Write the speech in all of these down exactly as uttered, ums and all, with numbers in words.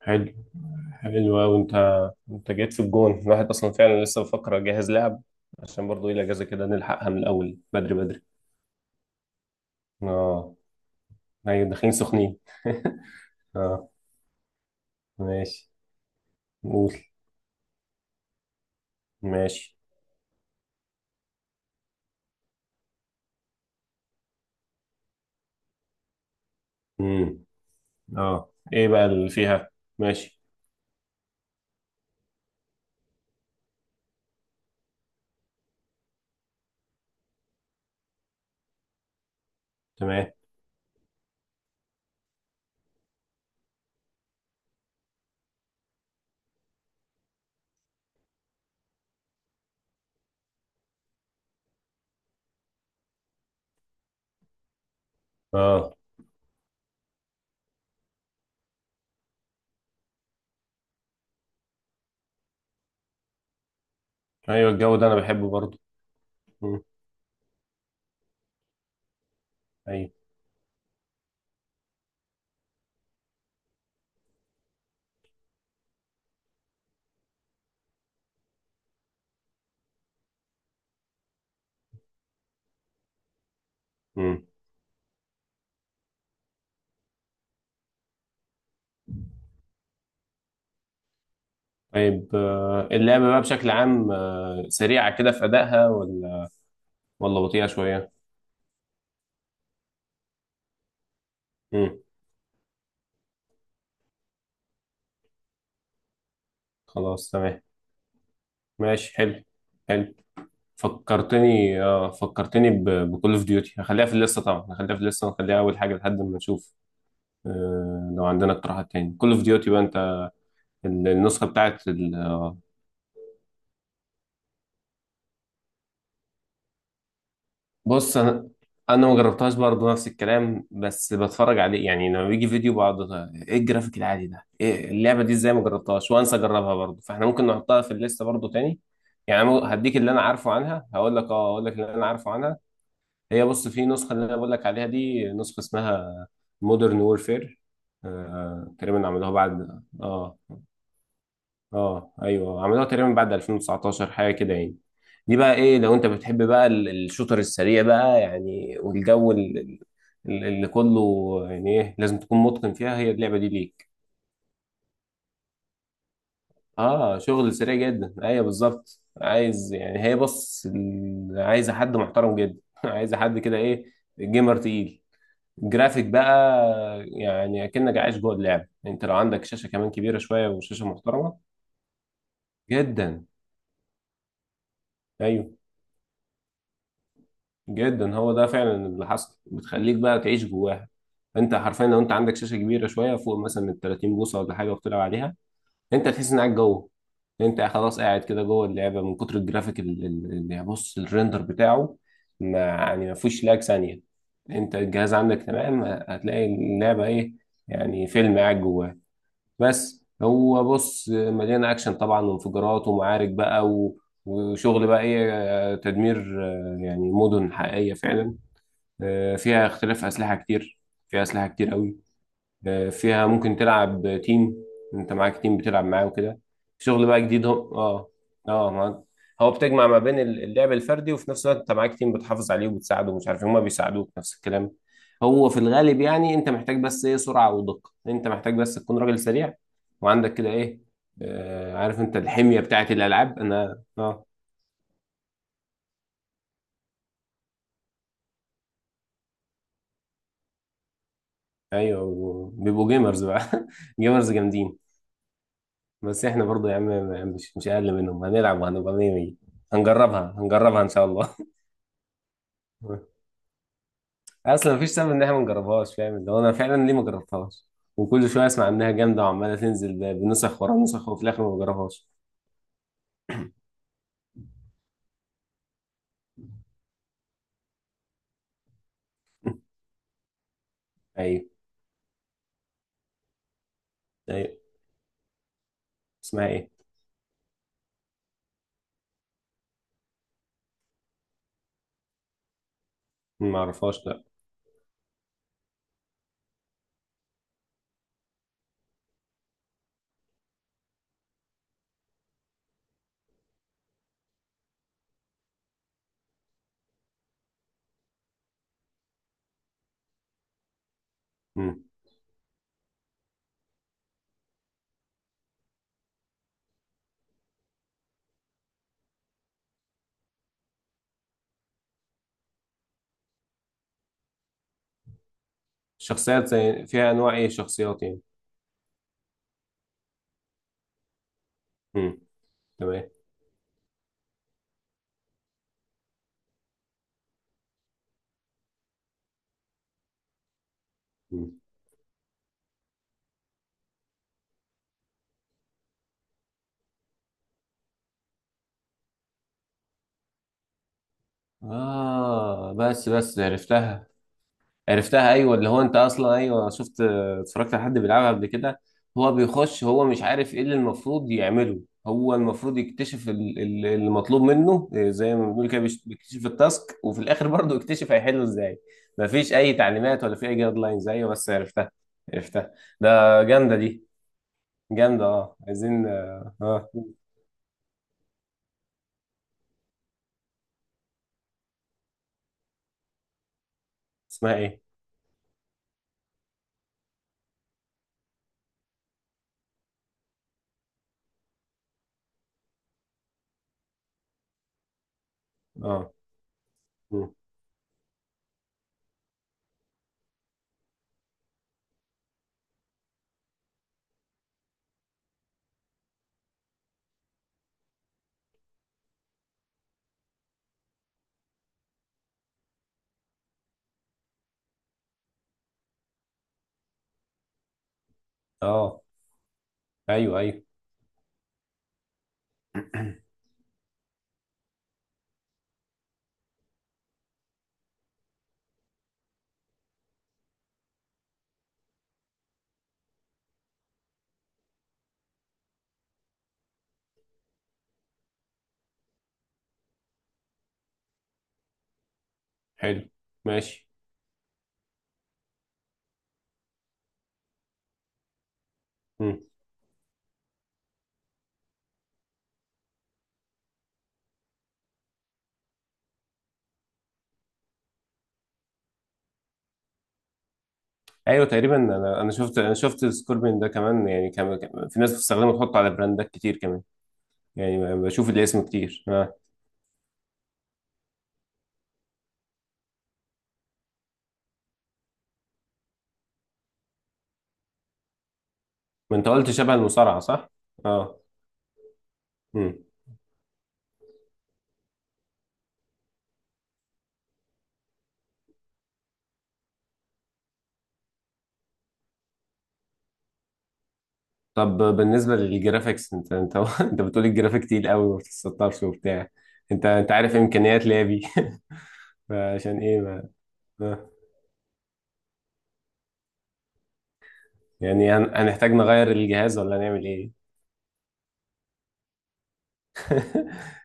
حلو. حلو أوي أنت أنت جيت في الجون الواحد أصلا، فعلا لسه بفكر أجهز لعب عشان برضه إيه، الأجازة كده نلحقها من الأول، بدري بدري. أه. أيوة داخلين سخنين أه. ماشي. قول. ماشي. امم أه، إيه بقى اللي فيها؟ ماشي، تمام. أه، أيوة الجو ده أنا بحبه برضه. مم. أيوة. مم. طيب، آه، اللعبة بقى بشكل عام آه، سريعة كده في أدائها ولا ولا بطيئة شوية؟ مم. خلاص تمام. ماشي. حلو. حلو. فكرتني، اه فكرتني بكول اوف ديوتي. هخليها في الليسته طبعا، هخليها في الليسته ونخليها اول حاجه لحد ما نشوف. آه، لو عندنا اقتراحات تاني كول اوف ديوتي بقى انت ال- النسخه بتاعت ال... بص، انا انا ما جربتهاش برضه نفس الكلام، بس بتفرج عليه يعني، لما بيجي فيديو بقعد، ايه الجرافيك العالي ده؟ ايه اللعبه دي؟ ازاي ما جربتهاش وانسى اجربها برضه؟ فاحنا ممكن نحطها في الليسته برضه تاني. يعني أنا هديك اللي انا عارفه عنها. هقول لك، اه هقول لك اللي انا عارفه عنها. هي بص، في نسخة اللي انا بقول لك عليها دي، نسخة اسمها مودرن وورفير. آه، تقريبا عملوها بعد اه اه، ايوه، عملوها تقريبا بعد ألفين وتسعة عشر حاجة كده يعني. دي بقى ايه، لو انت بتحب بقى ال- الشوتر السريع بقى يعني، والجو ال- ال- اللي كله يعني ايه، لازم تكون متقن فيها. هي اللعبة دي ليك. اه، شغل سريع جدا، ايوه بالظبط. عايز يعني، هي بص، ال- عايزة حد محترم جدا عايزة حد كده ايه، جيمر تقيل. الجرافيك بقى يعني اكنك عايش جوه اللعب. انت لو عندك شاشه كمان كبيره شويه وشاشه محترمه جدا، ايوه جدا، هو ده فعلا اللي حصل، بتخليك بقى تعيش جواها. انت حرفيا لو انت عندك شاشه كبيره شويه، فوق مثلا من تلاتين بوصه ولا حاجه، وبتلعب عليها، انت تحس انك قاعد جوه. انت خلاص قاعد كده جوه اللعبه من كتر الجرافيك ال- ال- اللي، بص، الريندر بتاعه ما يعني ما فيهوش لاج ثانيه. انت الجهاز عندك تمام، هتلاقي اللعبه ايه، يعني فيلم قاعد جواها. بس هو بص مليان اكشن طبعا، وانفجارات ومعارك بقى و... وشغل بقى ايه، آه، تدمير، آه، يعني مدن حقيقية فعلا. آه، فيها اختلاف اسلحة كتير، فيها اسلحة كتير قوي. آه، فيها ممكن تلعب تيم، انت معاك تيم بتلعب معاه وكده. شغل بقى جديد هو، اه اه ما- هو بتجمع ما بين اللعب الفردي، وفي نفس الوقت انت معاك تيم بتحافظ عليه وبتساعده، ومش عارف إيه، هما بيساعدوك نفس الكلام. هو في الغالب يعني انت محتاج بس ايه، سرعة ودقة. انت محتاج بس تكون راجل سريع وعندك كده ايه، آه، عارف انت الحمية بتاعت الالعاب. انا اه، ايوه بيبقوا جيمرز بقى جيمرز جامدين. بس احنا برضو يا عم مش مش اقل منهم، هنلعب وهنبقى مية مية. هنجربها، هنجربها ان شاء الله اصلا مفيش سبب ان احنا ما نجربهاش، فاهم؟ اللي هو انا فعلا ليه ما جربتهاش؟ وكل شويه اسمع انها جامده وعماله تنزل ب- بنسخ ورا نسخ، وفي الاخر ما بجربهاش. ايوه. ايوه اسمها ايه؟ مم، ما اعرفهاش لا. مم. شخصيات زي فيها انواع ايه شخصيات يعني؟ مم. تمام. مم. اه بس بس عرفتها. عرفتها، ايوه اللي هو انت اصلا، ايوه شفت، اتفرجت على حد بيلعبها قبل كده. هو بيخش، هو مش عارف ايه اللي المفروض يعمله. هو المفروض يكتشف ال- ال- اللي مطلوب منه إيه، زي ما بنقول كده، بيش- بيكتشف التاسك، وفي الاخر برضه يكتشف هيحله ازاي. مفيش اي تعليمات ولا في اي جايد لاينز. ايوه بس عرفتها. عرفتها. ده جامده دي، جامده. اه عايزين اه، آه، اسمها ايه؟ اه. مم. اه. ايوه، ايوه. حلو. ماشي. ايوه تقريبا، انا انا شفت، انا شفت سكوربين ده كمان، يعني كان كان- في ناس بتستخدمه، تحطه على براندات كتير كمان. يعني بشوف الاسم كتير اه. ما انت قلت شبه المصارعه صح؟ اه. امم. طب بالنسبه للجرافيكس، انت انت انت بتقول الجرافيك تقيل قوي، ما بتستطرش وبتاع، انت انت عارف امكانيات لابي فعشان ايه ما آه. يعني هن- هنحتاج نغير الجهاز ولا نعمل ايه؟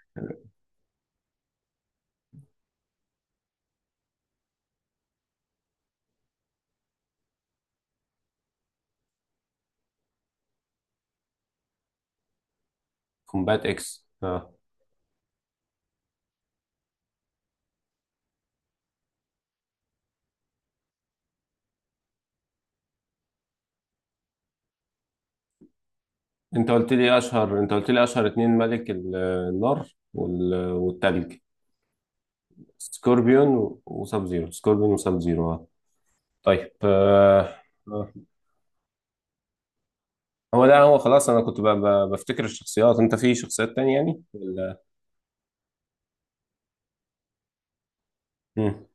كومبات اكس اه. انت قلت لي اشهر، انت قلت لي اشهر اتنين، ملك ال- النار وال- والتلج. سكوربيون و- وساب زيرو. سكوربيون وساب زيرو اه. طيب آه، آه. هو ده. هو خلاص انا كنت ب- ب- بفتكر الشخصيات. انت في شخصيات تانية يعني ولا؟ مم.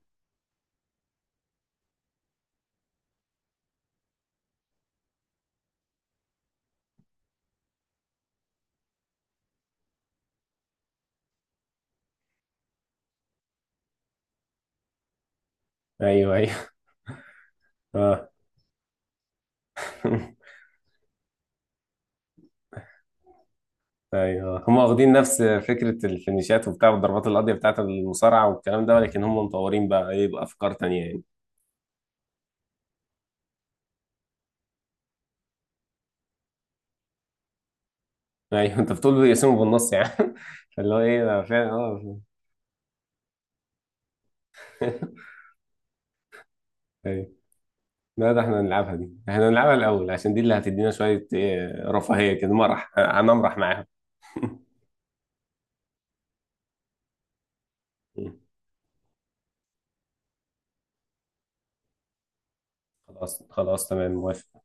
ايوه ايوه اه ايوه، هم واخدين نفس فكرة الفينيشات وبتاع والضربات القاضية بتاعت المصارعة والكلام ده، ولكن هم مطورين بقى ايه بافكار تانية يعني. ايوه انت بتقول بيقسموا بالنص يعني فاللي هو ايه ده فعلا اه ايوه لا، ده احنا هنلعبها دي، احنا هنلعبها الاول عشان دي اللي هتدينا شويه ايه، رفاهيه كده، مرح، هنمرح معاهم. مم. خلاص خلاص تمام موافق.